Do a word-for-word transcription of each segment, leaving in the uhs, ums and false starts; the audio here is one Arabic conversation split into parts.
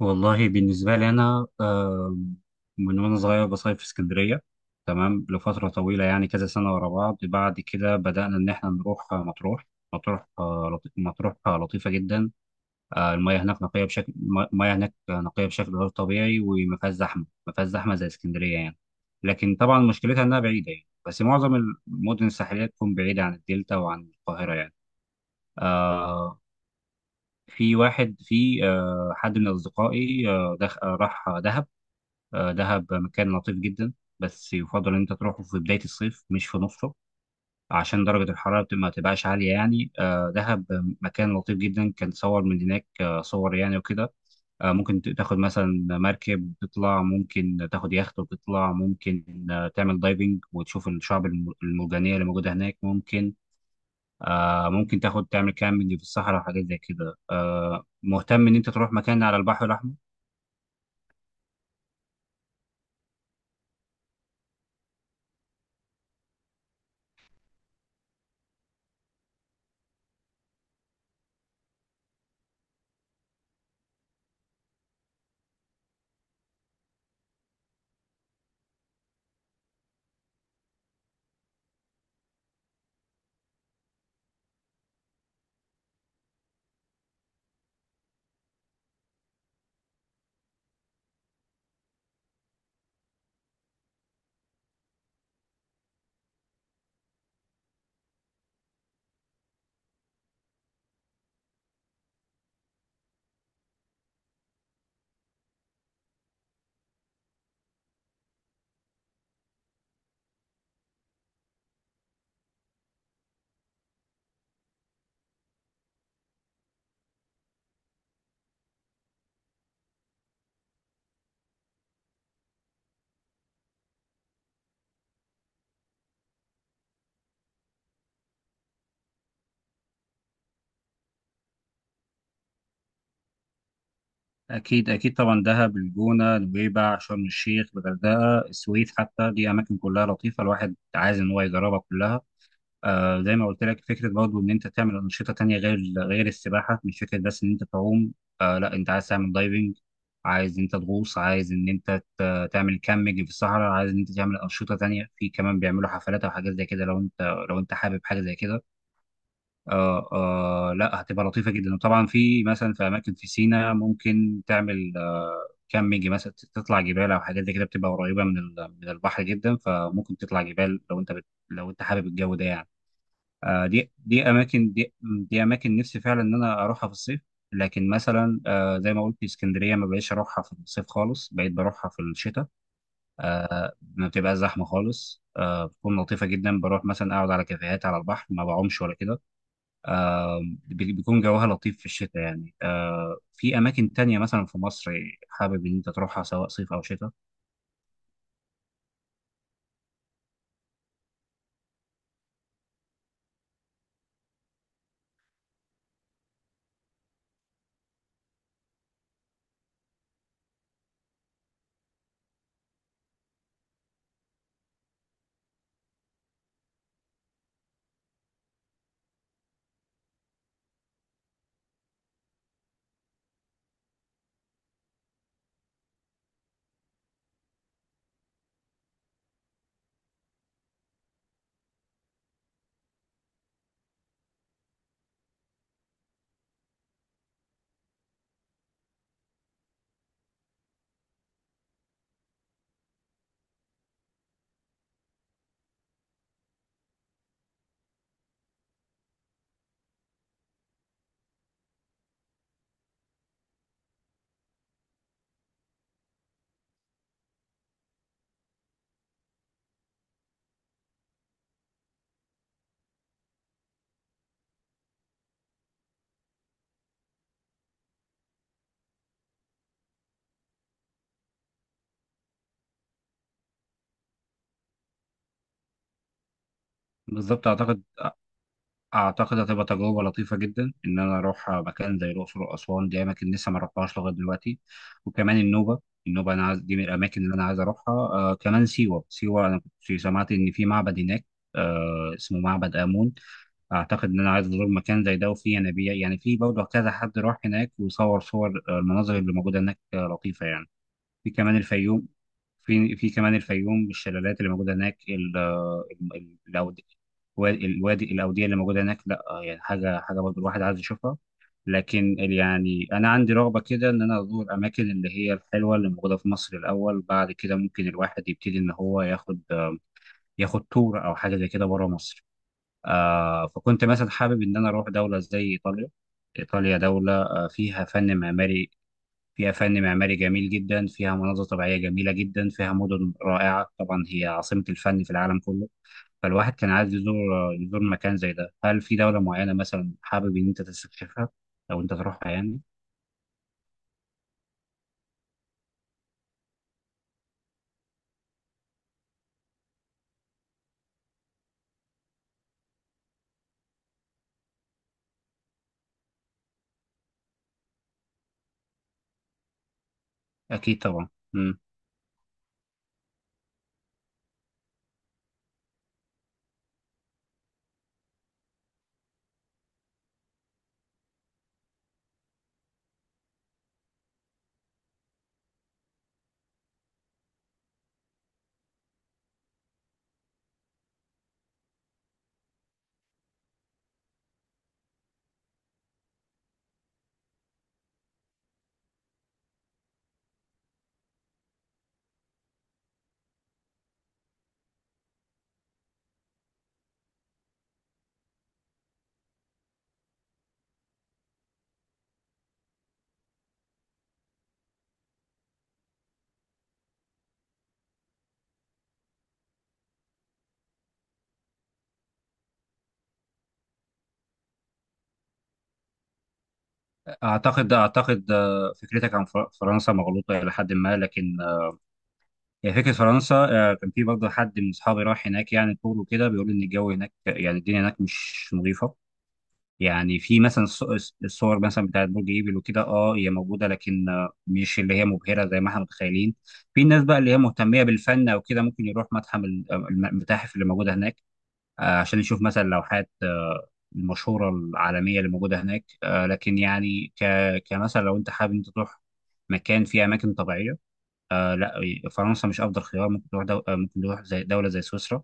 والله بالنسبة لي أنا آه، من وأنا صغير بصيف في اسكندرية. تمام لفترة طويلة يعني كذا سنة ورا بعض. بعد كده بدأنا إن إحنا نروح آه، مطروح. مطروح آه، لطي- مطروح آه، لطيفة جدا. آه، المياه هناك نقية بشكل الم- المياه هناك آه، نقية بشكل غير طبيعي، وما فيهاش زحمة. ما فيهاش زحمة زي اسكندرية يعني. لكن طبعا مشكلتها إنها بعيدة، يعني بس معظم المدن الساحلية تكون بعيدة عن الدلتا وعن القاهرة يعني. آه، في واحد في آه، حد من أصدقائي آه، دخ- آه، راح دهب. آه، دهب مكان لطيف جدا. بس يفضل ان انت تروحه في بداية الصيف مش في نصه عشان درجة الحرارة بت- ما تبقاش عالية يعني. آه، دهب مكان لطيف جدا. كان صور من هناك آه، صور يعني وكده. آه، ممكن ت- تاخد مثلا مركب وتطلع، ممكن تاخد يخت وتطلع، ممكن آه، تعمل دايفنج وتشوف الشعب الم- المرجانية اللي موجودة هناك. ممكن آه، ممكن تاخد تعمل كامبينج في الصحراء وحاجات زي كده. آه، مهتم ان انت تروح مكان على البحر الأحمر. أكيد أكيد طبعا، دهب، الجونة، نويبع، شرم الشيخ، الغردقة، السويد حتى، دي أماكن كلها لطيفة، الواحد عايز إن هو يجربها كلها. آه، زي ما قلت لك، فكرة برضه إن أنت تعمل أنشطة تانية غير غير السباحة، مش فكرة بس إن أنت تعوم. آه لا، أنت عايز تعمل دايفنج، عايز إن أنت تغوص، عايز إن أنت تعمل كامبينج في الصحراء، عايز إن أنت تعمل أنشطة تانية. في كمان بيعملوا حفلات أو حاجات زي كده لو أنت لو أنت حابب حاجة زي كده. آه آه لا، هتبقى لطيفة جدا. وطبعا في مثلا في أماكن في سينا ممكن تعمل آه كامبينج مثلا، تطلع جبال أو حاجات زي كده. بتبقى قريبة من ال- من البحر جدا، فممكن تطلع جبال لو أنت بت لو أنت حابب الجو ده يعني. آه دي دي أماكن دي, دي أماكن نفسي فعلا إن أنا أروحها في الصيف. لكن مثلا آه، زي ما قلت، اسكندرية ما بقيتش أروحها في الصيف خالص، بقيت بروحها في الشتاء. آه، ما بتبقى زحمة خالص، آه، بتكون لطيفة جدا. بروح مثلا أقعد على كافيهات على البحر، ما بعومش ولا كده. بي- بيكون جوها لطيف في الشتاء يعني. آه، في أماكن تانية مثلا في مصر حابب إن أنت تروحها سواء صيف أو شتاء. بالظبط. أعتقد أعتقد هتبقى تجربة لطيفة جدا إن أنا أروح مكان زي الأقصر وأسوان، دي أماكن لسه ما رحتهاش لغاية دلوقتي. وكمان النوبة. النوبة أنا عايز دي من الأماكن اللي أنا عايز أروحها. آه، كمان سيوة. سيوة أنا كنت سمعت إن في معبد هناك آه، اسمه معبد آمون. أعتقد إن أنا عايز أزور مكان زي ده، وفيه ينابيع يعني. في برضه كذا حد راح هناك وصور، صور آه، المناظر اللي موجودة هناك آه، لطيفة يعني. في كمان الفيوم. في في كمان الفيوم الشلالات اللي موجوده هناك ال ال- ال- الأود- الوادي الوادي الاوديه اللي موجوده هناك، لا يعني حاجه حاجه برضه الواحد عايز يشوفها. لكن ال- يعني انا عندي رغبه كده ان انا ازور الاماكن اللي هي الحلوه اللي موجوده في مصر الاول. بعد كده ممكن الواحد يبتدي ان هو ياخد ياخد تور او حاجه زي كده بره مصر. آه، فكنت مثلا حابب ان انا اروح دوله زي ايطاليا. ايطاليا دوله آه، فيها فن معماري، فيها فن معماري جميل جدا، فيها مناظر طبيعية جميلة جدا، فيها مدن رائعة، طبعا هي عاصمة الفن في العالم كله. فالواحد كان عايز يزور يزور مكان زي ده. هل في دولة معينة مثلا حابب إن أنت تستكشفها أو أنت تروحها يعني؟ أكيد طبعا. مم. أعتقد أعتقد آه، فكرتك عن فر- فرنسا مغلوطة إلى حد ما. لكن آه، هي فكرة فرنسا آه، كان في برضه حد من أصحابي راح هناك يعني طول وكده، بيقول إن الجو هناك، يعني الدنيا هناك مش نظيفة. يعني في مثلا الص- الصور مثلا بتاعت برج ايفل وكده، اه هي موجوده، لكن آه، مش اللي هي مبهره زي ما احنا متخيلين. في ناس بقى اللي هي مهتميه بالفن او كده ممكن يروح متحف ال- المتاحف اللي موجوده هناك آه، عشان يشوف مثلا لوحات آه، المشهوره العالميه اللي موجوده هناك. آه، لكن يعني ك كمثلا لو انت حابب انت تروح مكان فيه اماكن طبيعيه، آه لا، فرنسا مش افضل خيار. ممكن تروح دو... آه، ممكن تروح زي دوله زي سويسرا.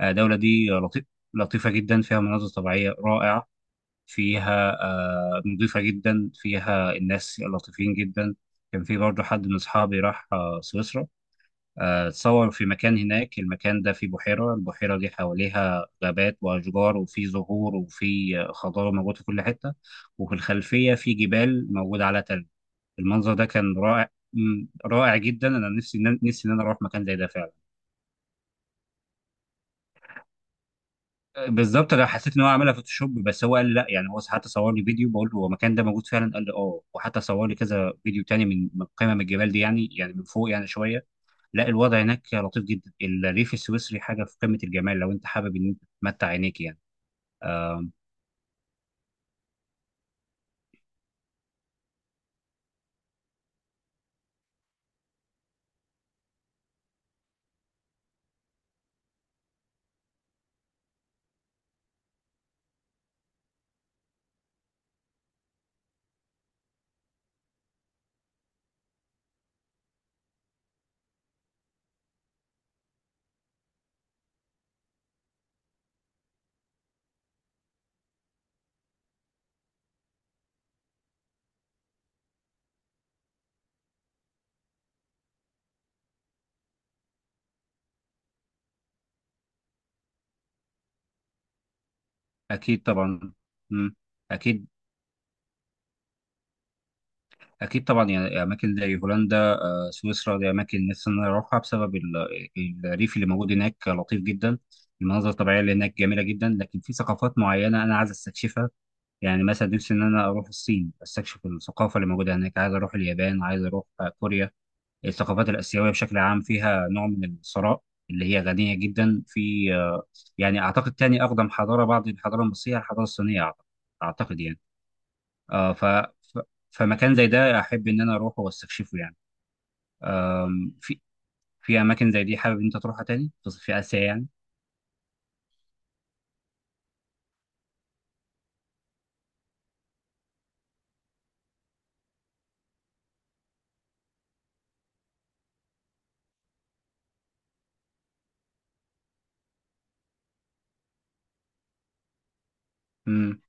آه، الدوله دي لطيف لطيفه جدا، فيها مناظر طبيعيه رائعه، فيها آه، نظيفة جدا، فيها الناس لطيفين جدا. كان في برضه حد من أصحابي راح آه، سويسرا. آه، اتصور في مكان هناك، المكان ده فيه بحيرة، البحيرة دي حواليها غابات وأشجار وفي زهور وفي آه، خضار موجود في كل حتة، وفي الخلفية في جبال موجودة على تلج. المنظر ده كان رائع، مم، رائع جدا. أنا نفسي نفسي إن أنا أروح مكان زي ده فعلا. بالظبط. انا حسيت ان هو عملها فوتوشوب، بس هو قال لا، يعني هو حتى صور لي فيديو، بقول له هو المكان ده موجود فعلا، قال لي اه، وحتى صور لي كذا فيديو تاني من من قمم الجبال دي، يعني يعني من فوق يعني شويه. لا، الوضع هناك لطيف جدا، الريف السويسري حاجه في قمه الجمال لو انت حابب ان انت تمتع عينيك يعني. اكيد طبعا. مم. اكيد. اكيد طبعا، يعني اماكن زي هولندا، سويسرا، دي اماكن نفسي ان انا اروحها بسبب ال- الريف اللي موجود هناك لطيف جدا، المناظر الطبيعيه اللي هناك جميله جدا. لكن في ثقافات معينه انا عايز استكشفها. يعني مثلا نفسي ان انا اروح الصين، استكشف الثقافه اللي موجوده هناك، عايز اروح اليابان، عايز اروح آه، كوريا. الثقافات الاسيويه بشكل عام فيها نوع من الثراء، اللي هي غنيه جدا في آه، يعني. اعتقد تاني اقدم حضاره بعد الحضاره المصريه الحضاره الصينيه اعتقد، أعتقد يعني. آه، ف ف- فمكان زي ده احب ان انا اروحه واستكشفه يعني. في في اماكن زي دي حابب إن انت تروحها تاني في في اسيا يعني.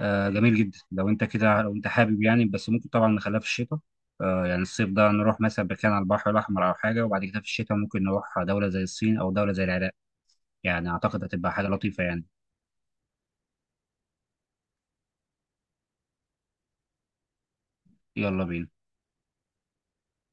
آه جميل جدا لو انت كده، لو انت حابب يعني، بس ممكن طبعا نخليها في الشتاء. آه يعني الصيف ده نروح مثلا مكان على البحر الاحمر او حاجه، وبعد كده في الشتاء ممكن نروح دوله زي الصين او دوله زي العراق. يعني اعتقد هتبقى حاجه لطيفه يعني. يلا بينا.